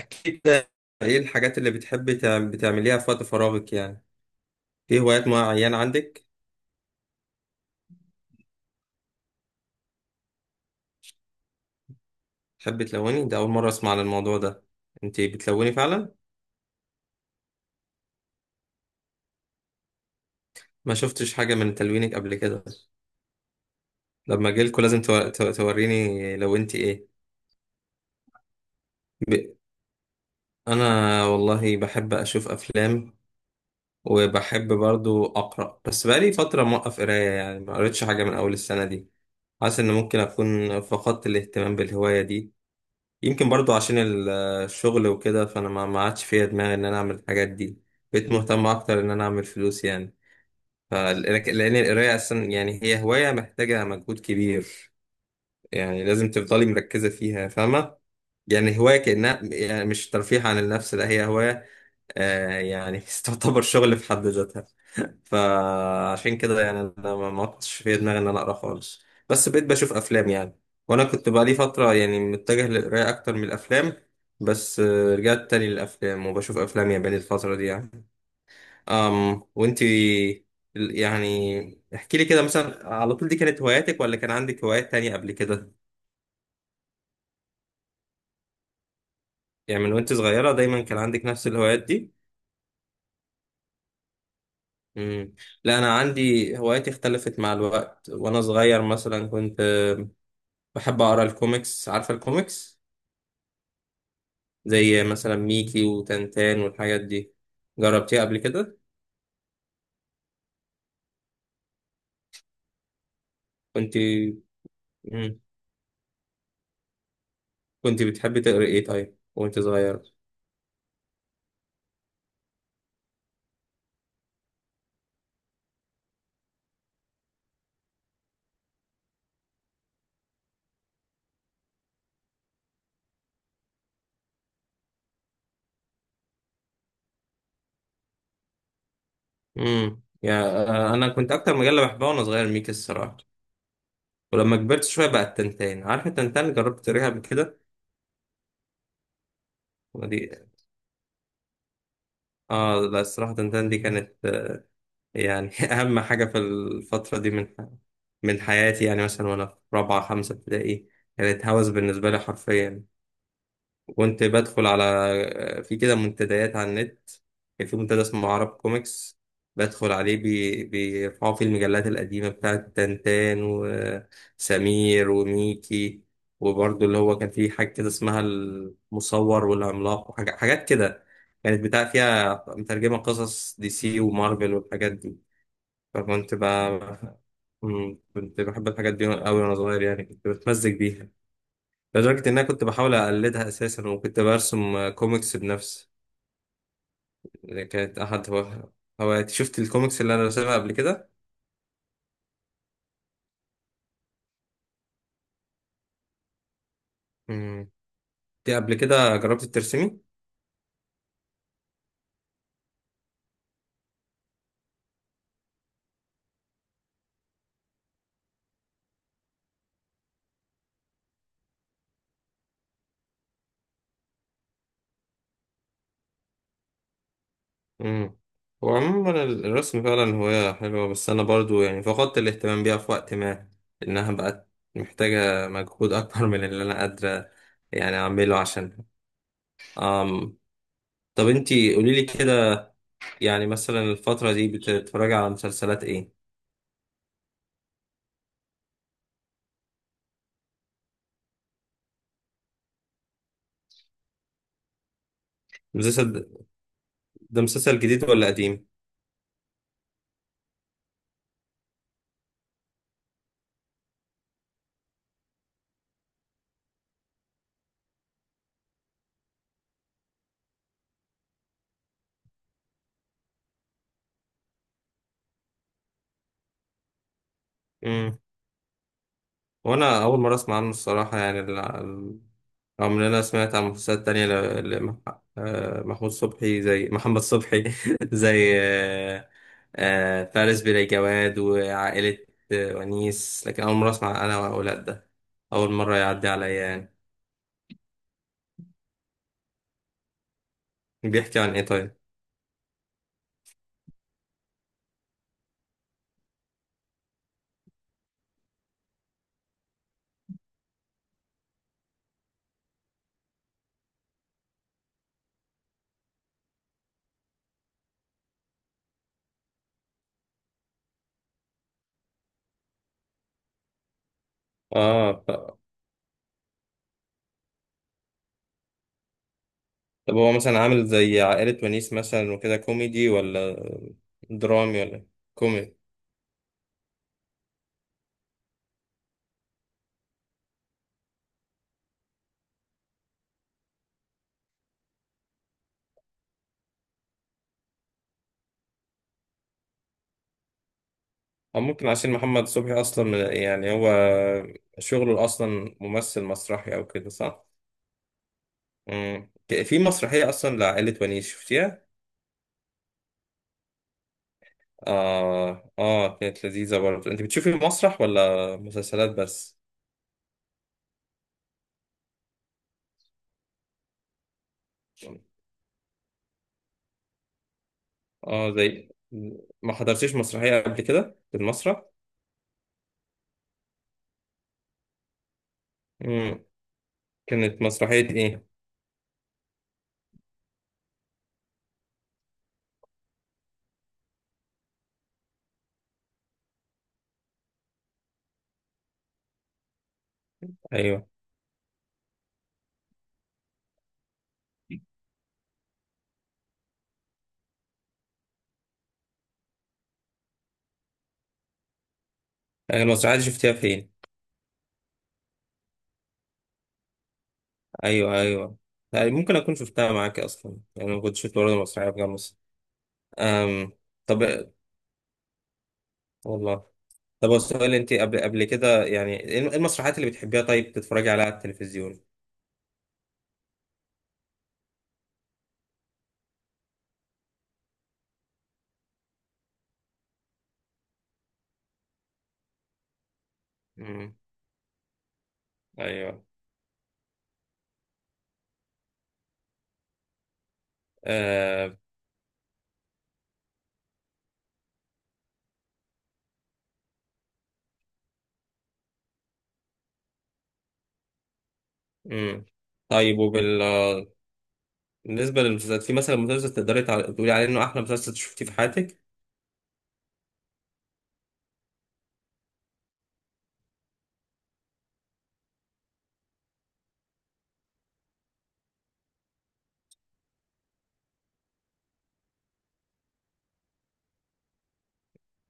احكي كده. ايه الحاجات اللي بتحبي بتعمليها في وقت فراغك يعني؟ في هوايات معينة عندك؟ تحبي تلوني؟ ده اول مرة اسمع عن الموضوع ده. انتي بتلوني فعلا؟ ما شفتش حاجة من تلوينك قبل كده. لما اجيلكوا لازم توريني لو انتي ايه. ب... انا والله بحب اشوف افلام. وبحب برضو اقرا، بس بقالي فترة موقف قراية يعني ما قريتش حاجة من اول السنة دي. حاسس ان ممكن اكون فقدت الاهتمام بالهواية دي. يمكن برضو عشان الشغل وكده، فانا ما عادش فيا دماغي ان انا اعمل الحاجات دي. بقيت مهتم اكتر ان انا اعمل فلوس يعني. لان القرايه اصلا يعني هي هوايه محتاجه مجهود كبير. يعني لازم تفضلي مركزه فيها، فاهمه؟ يعني هوايه كانها يعني مش ترفيه عن النفس، لا هي هوايه. يعني تعتبر شغل في حد ذاتها. فعشان كده يعني انا ما كنتش في دماغي ان انا اقرا خالص. بس بقيت بشوف افلام يعني. وانا كنت بقالي فتره يعني متجه للقرايه اكتر من الافلام. بس رجعت تاني للافلام وبشوف افلام ياباني الفتره دي يعني. وانتي، يعني احكي لي كده، مثلا على طول دي كانت هواياتك ولا كان عندك هوايات تانية قبل كده؟ يعني من وانت صغيره دايما كان عندك نفس الهوايات دي؟ مم. لا انا عندي هواياتي اختلفت مع الوقت. وانا صغير مثلا كنت بحب اقرا الكوميكس. عارفه الكوميكس؟ زي مثلا ميكي وتنتان والحاجات دي. جربتيها قبل كده؟ كنت مم. كنت بتحبي تقري ايه طيب وانت صغير؟ يا انا كنت اكتر مجله بحبها وانا صغير ميكي، الصراحه. ولما كبرت شويه بقى التنتان. عارفه التنتان؟ جربت تقريها قبل كده؟ ودي اه لا، الصراحه تنتان دي كانت يعني أهم حاجة في الفترة دي من حياتي، يعني مثلا وأنا في رابعة خمسة ابتدائي. كانت هوس بالنسبة لي حرفيا. كنت بدخل على في كده منتديات على النت. كان في منتدى اسمه عرب كوميكس. بدخل عليه، بيرفعوا فيه المجلات القديمة بتاعت تنتان وسمير وميكي. وبرضه اللي هو كان فيه حاجة كده اسمها المصور والعملاق وحاجات حاجات كده. كانت بتاع فيها مترجمة قصص دي سي ومارفل والحاجات دي. فكنت بقى مم، كنت بحب الحاجات دي أوي وأنا صغير يعني. كنت بتمزج بيها لدرجة إن أنا كنت بحاول أقلدها أساسا، وكنت برسم كوميكس بنفسي اللي كانت أحد هواياتي. شفت الكوميكس اللي أنا رسمها قبل كده؟ مم. دي قبل كده جربت ترسمي؟ مم. هو عموما الرسم فعلا هواية حلوة، بس أنا برضو يعني فقدت الاهتمام بيها في وقت ما. إنها بقت محتاجة مجهود أكبر من اللي أنا قادرة يعني أعمله. أم. طب انتي قوليلي كده، يعني مثلا الفترة دي بتتفرج على مسلسلات ايه؟ مسلسل ده مسلسل جديد ولا قديم؟ امم. وانا اول مرة اسمع عنه الصراحة يعني. رغم ان انا سمعت عن مسلسلات تانية محمود صبحي، زي محمد صبحي زي فارس بلا جواد وعائلة ونيس. لكن اول مرة اسمع انا واولاد ده. اول مرة يعدي عليا يعني. بيحكي عن ايه طيب؟ اه. طب هو مثلا عامل زي عائلة ونيس مثلا وكده، كوميدي ولا درامي ولا كوميدي؟ أو ممكن عشان محمد صبحي أصلا يعني هو شغله أصلا ممثل مسرحي أو كده، صح؟ مم. في مسرحية أصلا لعائلة ونيس، شفتيها؟ آه آه كانت لذيذة برضه. أنت بتشوفي مسرح ولا مسلسلات بس؟ آه زي ما حضرتيش مسرحية قبل كده في المسرح؟ مم. كانت مسرحية إيه؟ أيوه. أيوة، المسرحية دي شفتيها فين؟ ايوه ايوه. يعني ممكن اكون شفتها معاك اصلا، يعني انا كنت شفت برضه مسرحيه في جامعه مصر. أم... طب والله. طب هو السؤال انت قبل كده يعني ايه المسرحيات اللي بتحبيها طيب تتفرجي عليها على التلفزيون؟ امم. ايوه. آه... امم. طيب وبال بالنسبه للمسلسلات، في مثلا مسلسل تقدري تقولي عليه انه احلى مسلسل شفتيه في حياتك؟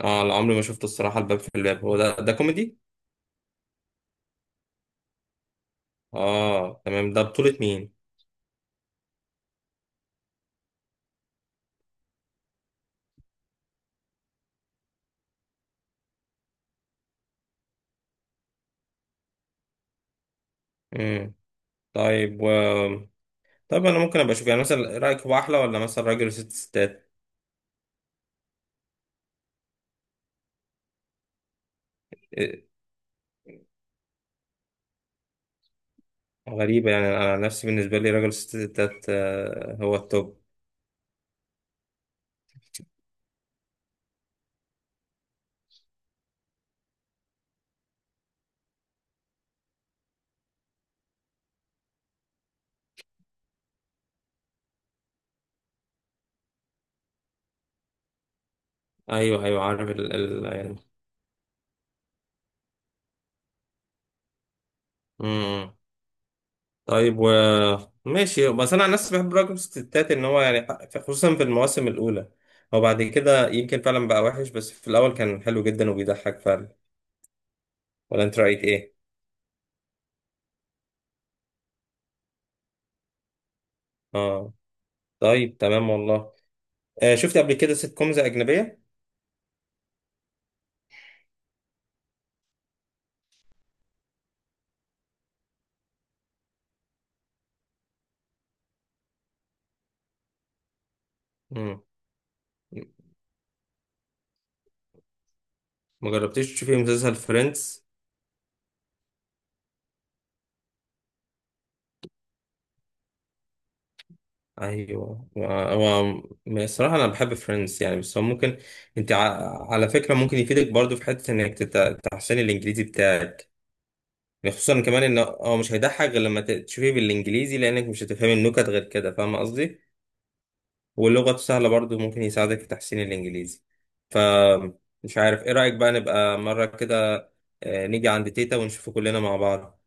اه لا، عمري ما شفته الصراحه. الباب في الباب، هو ده كوميدي؟ اه تمام. ده بطوله مين؟ امم. طيب. طب انا ممكن ابقى اشوف. يعني مثلا رايك هو احلى ولا مثلا راجل وست ستات؟ إيه، غريبه. يعني أنا نفسي بالنسبه لي راجل وست ستات هو التوب. ايوه ايوه، عارف ال ال يعني. امم. طيب و ماشي. بس انا عن نفسي بحب راجل وست ستات ان هو يعني خصوصا في المواسم الاولى. هو بعد كده يمكن فعلا بقى وحش، بس في الاول كان حلو جدا وبيضحك فعلا. ولا انت رايك ايه؟ اه. طيب تمام، والله. آه، شفت قبل كده سيت كومز اجنبيه؟ امم. ما جربتيش تشوفي مسلسل فريندز؟ ايوه. الصراحه انا بحب فريندز يعني، بس هو ممكن. انت على فكره، ممكن يفيدك برضو في حته انك تحسن الانجليزي بتاعك. خصوصا كمان ان هو مش هيضحك غير لما تشوفيه بالانجليزي. لانك مش هتفهمي النكت غير كده، فاهم قصدي؟ واللغه سهله برضو، ممكن يساعدك في تحسين الانجليزي. ف مش عارف ايه رايك بقى، نبقى مره كده، نيجي عند تيتا ونشوفه كلنا مع بعض.